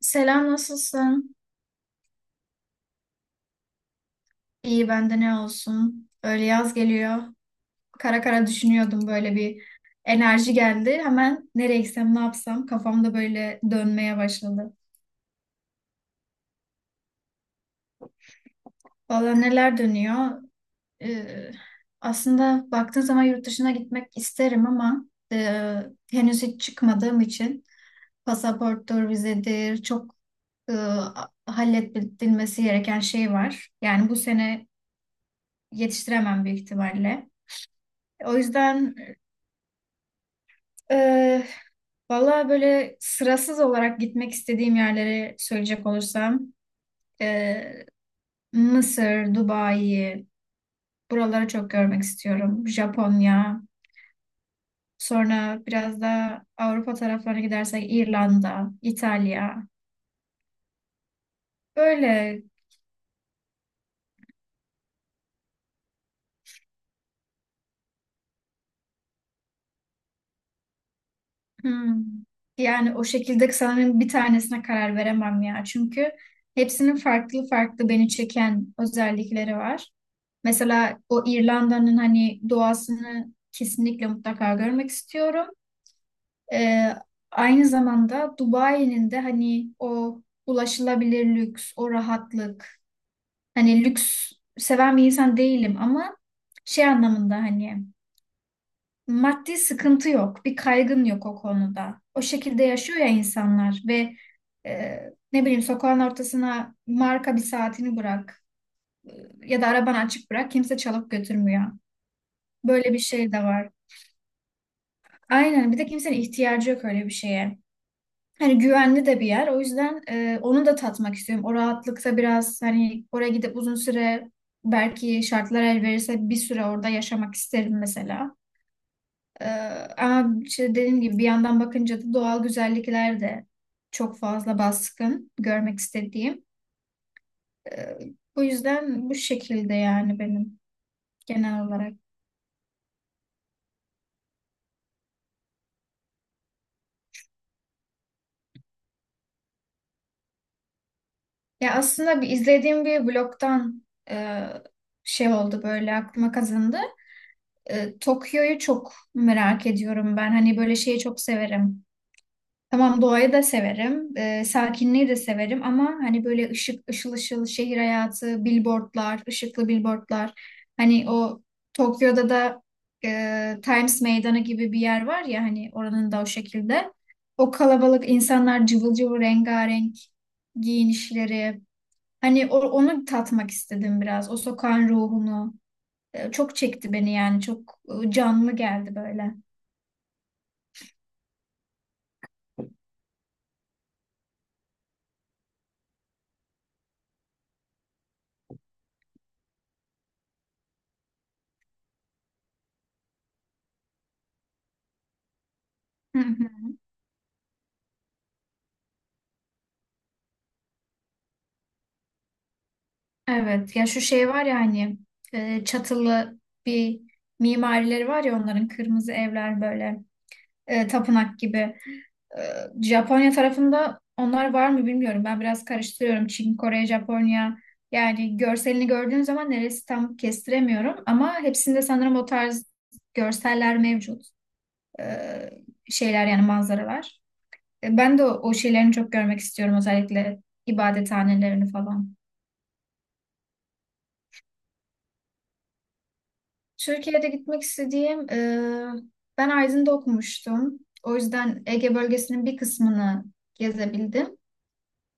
Selam, nasılsın? İyi, bende ne olsun? Öyle yaz geliyor. Kara kara düşünüyordum, böyle bir enerji geldi. Hemen nereye gitsem, ne yapsam kafamda böyle dönmeye başladı. Valla neler dönüyor? Ee, aslında baktığın zaman yurt dışına gitmek isterim, ama e, henüz hiç çıkmadığım için pasaporttur, vizedir, çok e, halledilmesi gereken şey var. Yani bu sene yetiştiremem büyük ihtimalle. O yüzden, Ee, valla böyle sırasız olarak gitmek istediğim yerleri söyleyecek olursam, ee, Mısır, Dubai, buraları çok görmek istiyorum. Japonya, sonra biraz da Avrupa taraflarına gidersek İrlanda, İtalya. Böyle. Hmm. Yani o şekilde sanırım bir tanesine karar veremem ya. Çünkü hepsinin farklı farklı beni çeken özellikleri var. Mesela o İrlanda'nın hani doğasını kesinlikle mutlaka görmek istiyorum. Ee, aynı zamanda Dubai'nin de hani o ulaşılabilir lüks, o rahatlık. Hani lüks seven bir insan değilim, ama şey anlamında hani maddi sıkıntı yok, bir kaygın yok o konuda. O şekilde yaşıyor ya insanlar ve e, ne bileyim sokağın ortasına marka bir saatini bırak, e, ya da arabanı açık bırak, kimse çalıp götürmüyor. Böyle bir şey de var. Aynen, bir de kimsenin ihtiyacı yok öyle bir şeye. Hani güvenli de bir yer, o yüzden onu da tatmak istiyorum. O rahatlıkta biraz, hani oraya gidip uzun süre, belki şartlar el verirse bir süre orada yaşamak isterim mesela. Ee, ama işte dediğim gibi bir yandan bakınca da doğal güzellikler de çok fazla baskın görmek istediğim. Ee, bu yüzden bu şekilde yani benim genel olarak. Ya aslında bir izlediğim bir blogdan e, şey oldu, böyle aklıma kazındı. Tokyo'yu çok merak ediyorum ben. Hani böyle şeyi çok severim. Tamam, doğayı da severim, sakinliği de severim, ama hani böyle ışık, ışıl ışıl şehir hayatı, billboardlar, ışıklı billboardlar. Hani o, Tokyo'da da Times Meydanı gibi bir yer var ya, hani oranın da o şekilde. O kalabalık, insanlar cıvıl cıvıl, rengarenk giyinişleri. Hani onu tatmak istedim biraz. O sokağın ruhunu. Çok çekti beni, yani çok canlı geldi böyle. Hı hı. Evet ya, şu şey var ya hani çatılı bir mimarileri var ya onların, kırmızı evler böyle tapınak gibi. Ee, Japonya tarafında onlar var mı bilmiyorum. Ben biraz karıştırıyorum. Çin, Kore, Japonya. Yani görselini gördüğün zaman neresi tam kestiremiyorum. Ama hepsinde sanırım o tarz görseller mevcut. Ee, şeyler yani manzaralar. Ben de o şeylerini çok görmek istiyorum. Özellikle ibadethanelerini falan. Türkiye'de gitmek istediğim... ben Aydın'da okumuştum. O yüzden Ege bölgesinin bir kısmını gezebildim.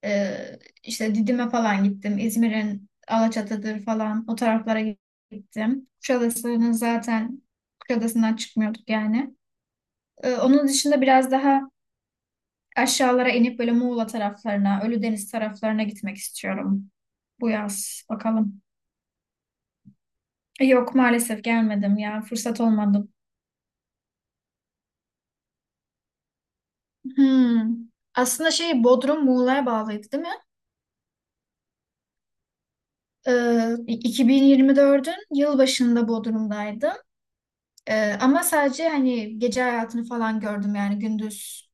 İşte Didim'e falan gittim. İzmir'in Alaçatı'dır falan, o taraflara gittim. Kuşadası'nın zaten, Kuşadası'ndan çıkmıyorduk yani. Onun dışında biraz daha aşağılara inip böyle Muğla taraflarına, Ölüdeniz taraflarına gitmek istiyorum bu yaz. Bakalım. Yok maalesef, gelmedim ya. Fırsat olmadı. Hmm. Aslında şey, Bodrum Muğla'ya bağlıydı değil mi? 2024'ün yılbaşında Bodrum'daydım. Ama sadece hani gece hayatını falan gördüm, yani gündüz.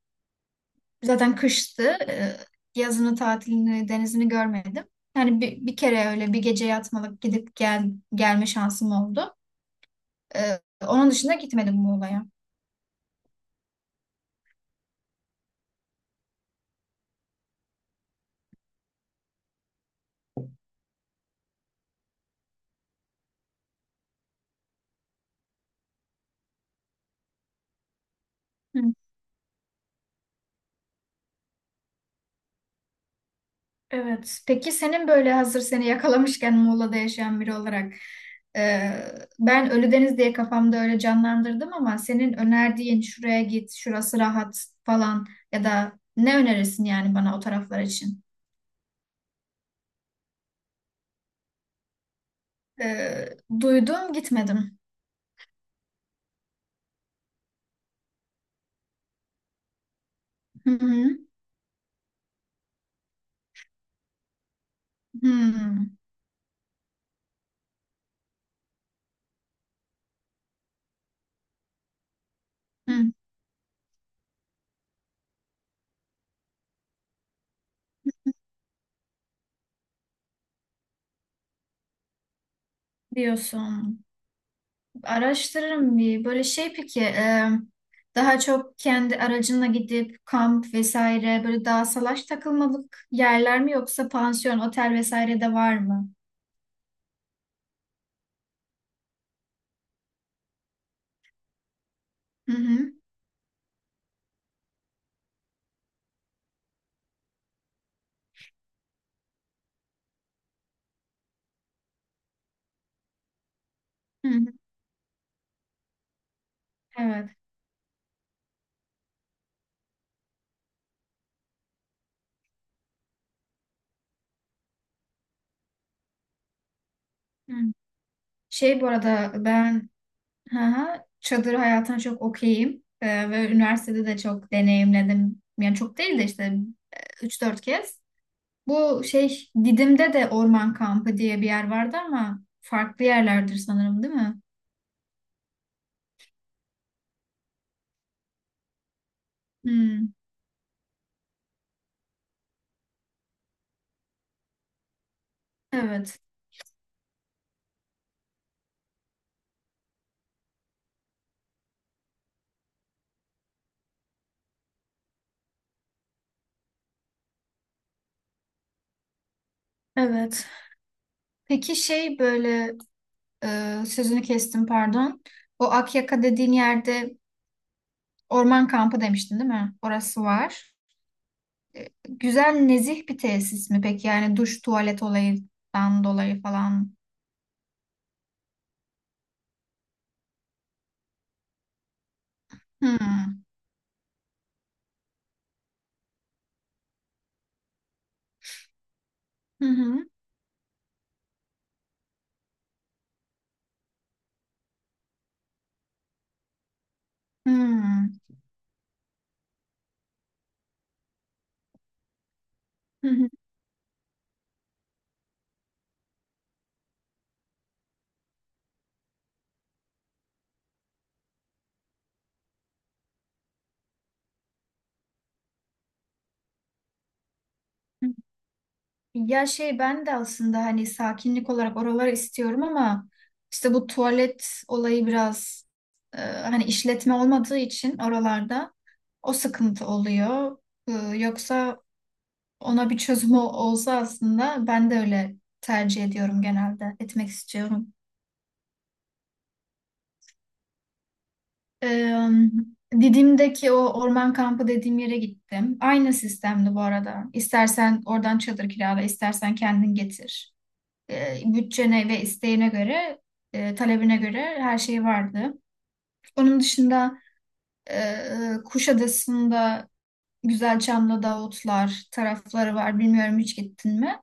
Zaten kıştı. Ee, yazını, tatilini, denizini görmedim. Yani bir kere öyle bir gece yatmalık gidip gelme şansım oldu. Ee, onun dışında gitmedim Muğla'ya. Hı. Evet. Peki senin, böyle hazır seni yakalamışken Muğla'da yaşayan biri olarak, e, ben Ölüdeniz diye kafamda öyle canlandırdım, ama senin önerdiğin şuraya git, şurası rahat falan, ya da ne önerirsin yani bana o taraflar için? Ee, duydum gitmedim. Hı hı. Hı hı. Diyorsun. Araştırırım bir. Böyle şey peki, daha çok kendi aracınla gidip kamp vesaire, böyle daha salaş takılmalık yerler mi, yoksa pansiyon, otel vesaire de var mı? Hı hı. Hı hı. Evet. Hı. Şey bu arada ben, hı hı, çadır hayatına çok okeyim. Ve üniversitede de çok deneyimledim. Yani çok değil de işte üç dört kez. Bu şey, Didim'de de orman kampı diye bir yer vardı, ama farklı yerlerdir sanırım değil mi? Hmm, evet. Evet. Peki şey böyle, sözünü kestim, pardon. O Akyaka dediğin yerde orman kampı demiştin değil mi? Orası var. Güzel nezih bir tesis mi peki? Yani duş tuvalet olayından dolayı falan. Hmm. Hı hı. Hmm. Hı hı. Ya şey, ben de aslında hani sakinlik olarak oraları istiyorum, ama işte bu tuvalet olayı biraz, hani işletme olmadığı için oralarda o sıkıntı oluyor. E, yoksa ona bir çözüm olsa, aslında ben de öyle tercih ediyorum, genelde etmek istiyorum. E, Didim'deki o orman kampı dediğim yere gittim. Aynı sistemdi bu arada. İstersen oradan çadır kirala, istersen kendin getir. Bütçene ve isteğine göre, talebine göre her şey vardı. Onun dışında Kuşadası'nda Güzelçamlı, Davutlar tarafları var. Bilmiyorum, hiç gittin mi?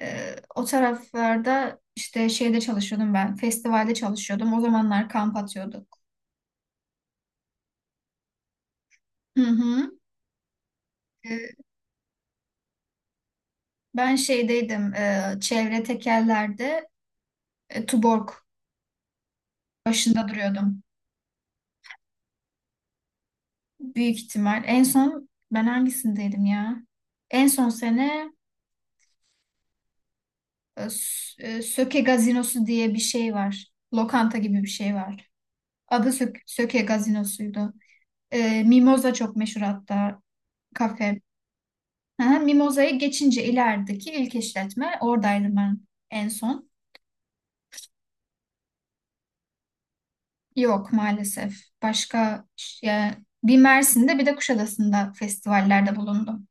O taraflarda işte şeyde çalışıyordum ben. Festivalde çalışıyordum. O zamanlar kamp atıyorduk. Hı hı. E, ben şeydeydim. Çevre tekerlerde Tuborg başında duruyordum. Büyük ihtimal. En son ben hangisindeydim ya? En son sene, Söke Gazinosu diye bir şey var. Lokanta gibi bir şey var. Adı Söke Gazinosu'ydu. Mimoza çok meşhur hatta, kafe. Hı hı, Mimoza'ya geçince ilerideki ilk işletme, oradaydım ben en son. Yok maalesef. Başka ya, bir Mersin'de, bir de Kuşadası'nda festivallerde bulundum.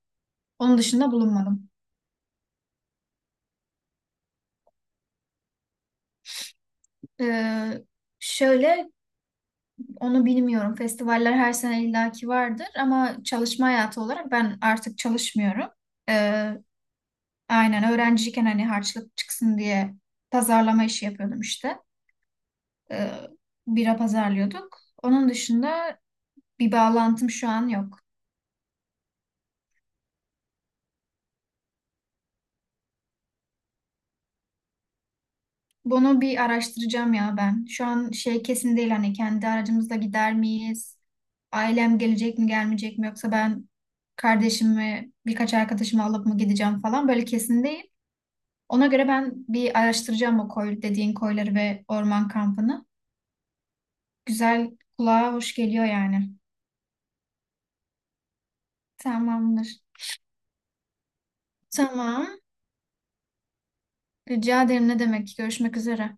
Onun dışında bulunmadım. E, Şöyle. Onu bilmiyorum. Festivaller her sene illaki vardır, ama çalışma hayatı olarak ben artık çalışmıyorum. Ee, aynen öğrenciyken hani harçlık çıksın diye pazarlama işi yapıyordum işte. Ee, bira pazarlıyorduk. Onun dışında bir bağlantım şu an yok. Bunu bir araştıracağım ya ben. Şu an şey kesin değil, hani kendi aracımızla gider miyiz? Ailem gelecek mi, gelmeyecek mi, yoksa ben kardeşimi, birkaç arkadaşımı alıp mı gideceğim falan, böyle kesin değil. Ona göre ben bir araştıracağım o koy, dediğin koyları ve orman kampını. Güzel, kulağa hoş geliyor yani. Tamamdır. Tamam. Rica ederim, ne demek. Görüşmek üzere.